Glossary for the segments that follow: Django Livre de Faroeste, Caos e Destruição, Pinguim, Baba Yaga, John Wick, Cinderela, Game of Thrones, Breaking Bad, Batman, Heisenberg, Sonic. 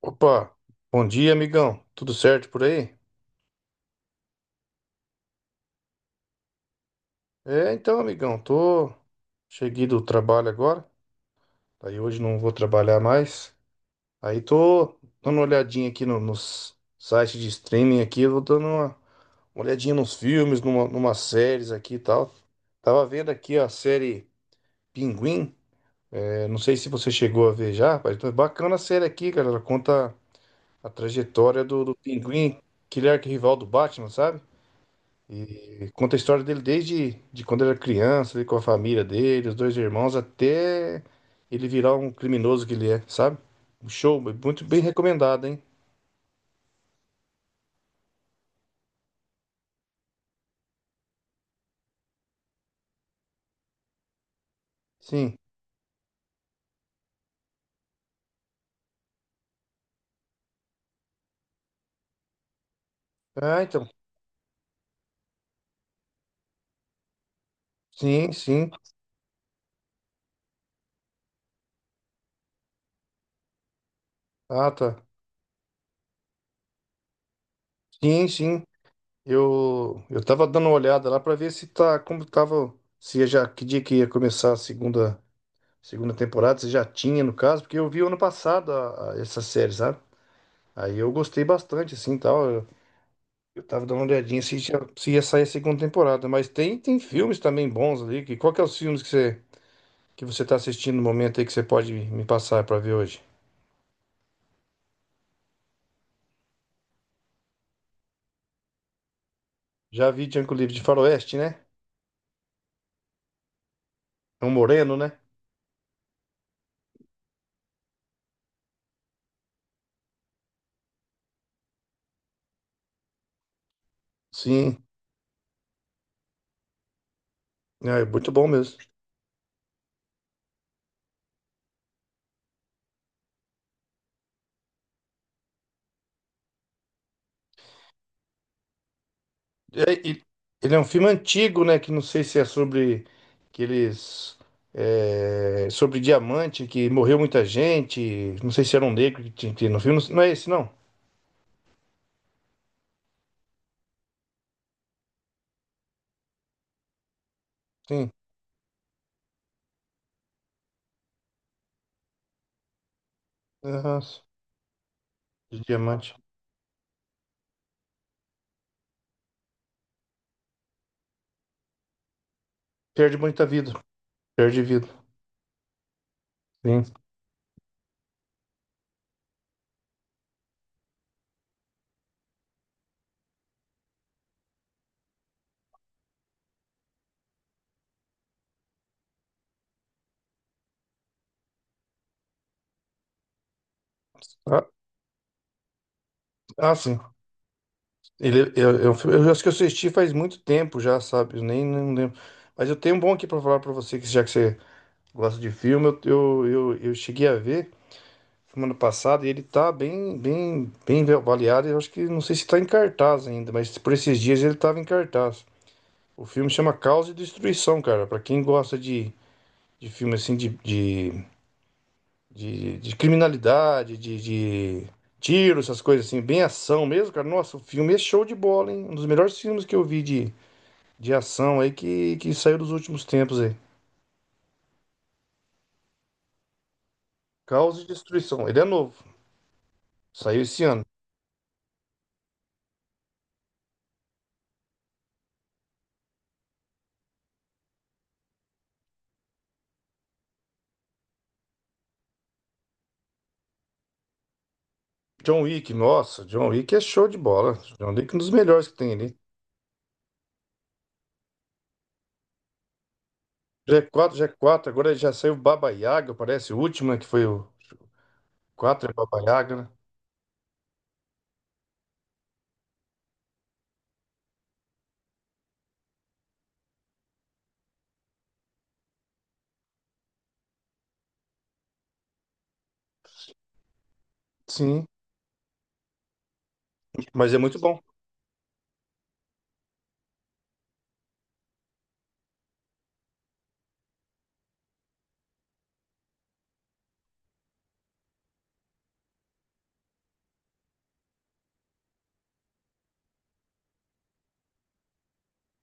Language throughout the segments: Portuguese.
Opa, bom dia, amigão. Tudo certo por aí? Então, amigão, tô cheguei do trabalho agora. Aí hoje não vou trabalhar mais. Aí tô dando uma olhadinha aqui nos sites de streaming aqui, eu vou dando uma olhadinha nos filmes, numa séries aqui e tal. Tava vendo aqui a série Pinguim. É, não sei se você chegou a ver já, mas tá bacana a série aqui, cara. Ela conta a trajetória do Pinguim, que ele é arquirrival do Batman, sabe? E conta a história dele desde de quando era criança, ele com a família dele, os dois irmãos, até ele virar um criminoso que ele é, sabe? Um show muito bem recomendado, hein? Sim. Ah, então. Sim, sim. Ah, tá. Sim, sim. Eu tava dando uma olhada lá pra ver se tá como tava, se já que dia que ia começar a segunda temporada, se já tinha no caso, porque eu vi ano passado essa série, sabe? Aí eu gostei bastante assim, tal. Tava dando uma olhadinha se, se ia sair a segunda temporada. Mas tem filmes também bons ali. Que, qual que é os filmes que você tá assistindo no momento aí que você pode me passar pra ver hoje? Já vi Django Livre de Faroeste, né? É um moreno, né? Sim. É muito bom mesmo. É, e- ele é um filme antigo, né? Que não sei se é sobre aqueles. É, sobre diamante, que morreu muita gente. Não sei se era um negro que tinha no filme. Não é esse, não? Sim. Aham. De diamante. Perde muita vida. Perde vida. Sim. Ah, ah, sim. Eu acho que eu assisti faz muito tempo já, sabe? Eu nem, nem lembro. Mas eu tenho um bom aqui pra falar pra você, que já que você gosta de filme, eu cheguei a ver semana passada e ele tá bem avaliado. Eu acho que não sei se tá em cartaz ainda, mas por esses dias ele tava em cartaz. O filme chama Caos e Destruição, cara. Pra quem gosta de filme assim de criminalidade, de tiro, essas coisas assim, bem ação mesmo, cara. Nossa, o filme é show de bola, hein? Um dos melhores filmes que eu vi de ação aí que saiu dos últimos tempos aí. Caos e Destruição. Ele é novo, saiu esse ano. John Wick, nossa, John Wick é show de bola. John Wick é um dos melhores que tem ali. G4, G4. Agora já saiu Baba Yaga, parece o último, né, que foi o 4 é Baba Yaga, né? Sim, mas é muito bom.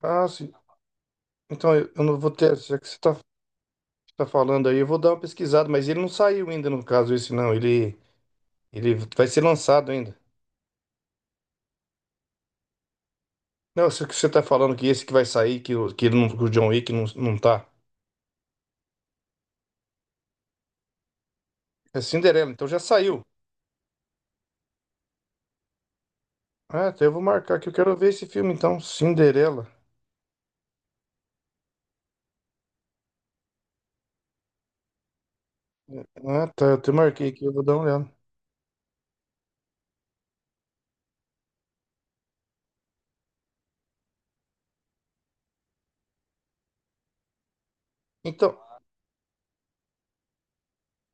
Ah, sim. Então eu não vou ter, já que você tá falando aí, eu vou dar uma pesquisada, mas ele não saiu ainda no caso esse não, ele vai ser lançado ainda. Não, isso que você tá falando que esse que vai sair, que, que, ele não, que o John Wick não, não tá. É Cinderela, então já saiu. Ah, até eu vou marcar que eu quero ver esse filme então, Cinderela. Ah, tá, eu até marquei aqui, eu vou dar uma olhada. Então,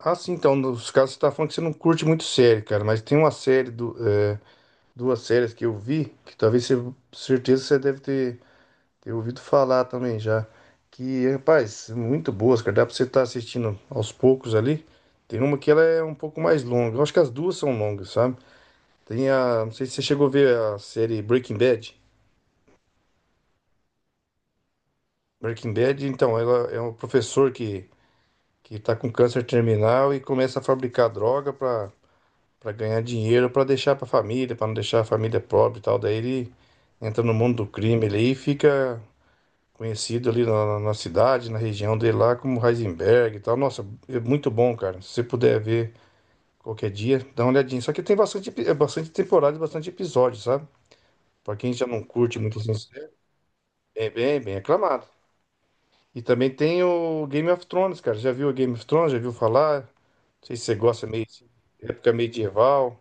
então, nos casos você tá falando que você não curte muito série, cara, mas tem uma série, do, é, duas séries que eu vi, certeza você deve ter Tenho ouvido falar também já. Que, rapaz, muito boas, cara. Dá pra você estar assistindo aos poucos ali. Tem uma que ela é um pouco mais longa. Eu acho que as duas são longas, sabe? Tem a. Não sei se você chegou a ver a série Breaking Bad. Breaking Bad, então, ela é um professor que tá com câncer terminal e começa a fabricar droga pra ganhar dinheiro, pra deixar pra família, pra não deixar a família pobre e tal. Daí ele entra no mundo do crime ali e fica conhecido ali na cidade, na região dele lá, como Heisenberg e tal. Nossa, é muito bom, cara. Se você puder ver qualquer dia, dá uma olhadinha. Só que tem é bastante temporada e bastante episódio, sabe? Pra quem já não curte muito assim, é bem aclamado. E também tem o Game of Thrones, cara. Já viu o Game of Thrones? Já viu falar? Não sei se você gosta meio assim, época medieval,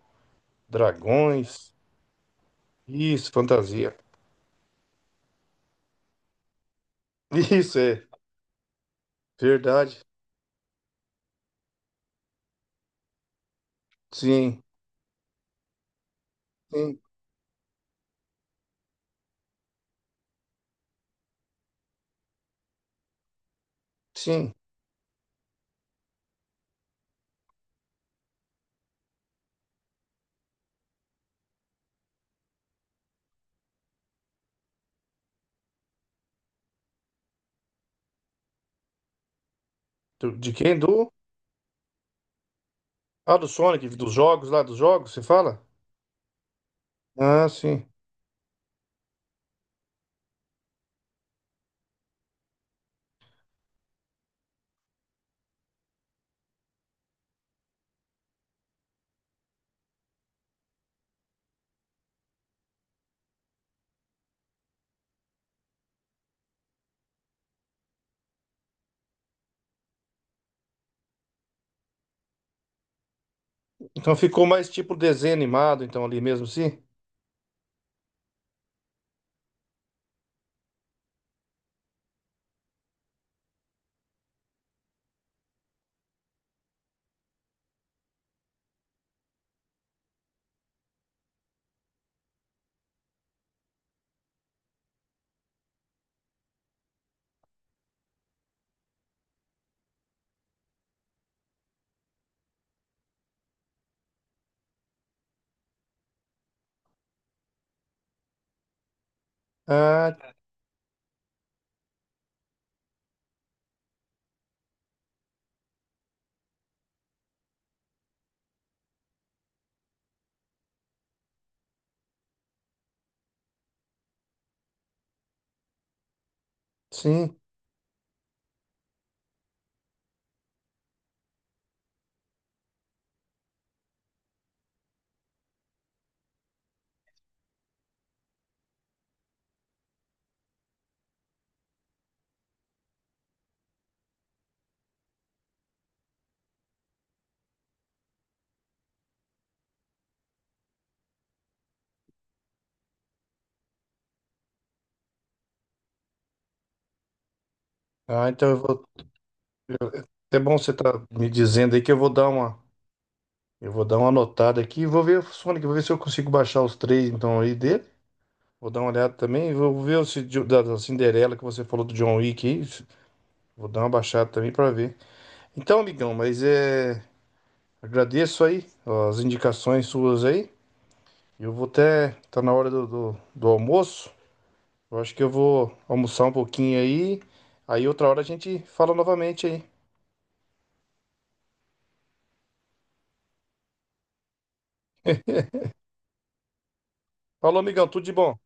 dragões. Isso, fantasia. Isso é verdade. Sim, sim, sim. Do- De quem? Do? Ah, do Sonic, dos jogos lá, dos jogos, você fala? Ah, sim. Então ficou mais tipo desenho animado, então, ali mesmo, sim? Ah, sim. Ah, então eu vou... É bom você tá me dizendo aí que eu vou dar uma... Eu vou dar uma anotada aqui, vou ver o Sonic, vou ver se eu consigo baixar os três, então, aí dele. Vou dar uma olhada também, vou ver se de- da, da Cinderela que você falou do John Wick aí. Vou dar uma baixada também pra ver. Então, amigão, mas é... Agradeço aí ó, as indicações suas aí. Eu vou até... Tá na hora do almoço. Eu acho que eu vou almoçar um pouquinho aí. Aí outra hora a gente fala novamente aí. Falou, amigão, tudo de bom.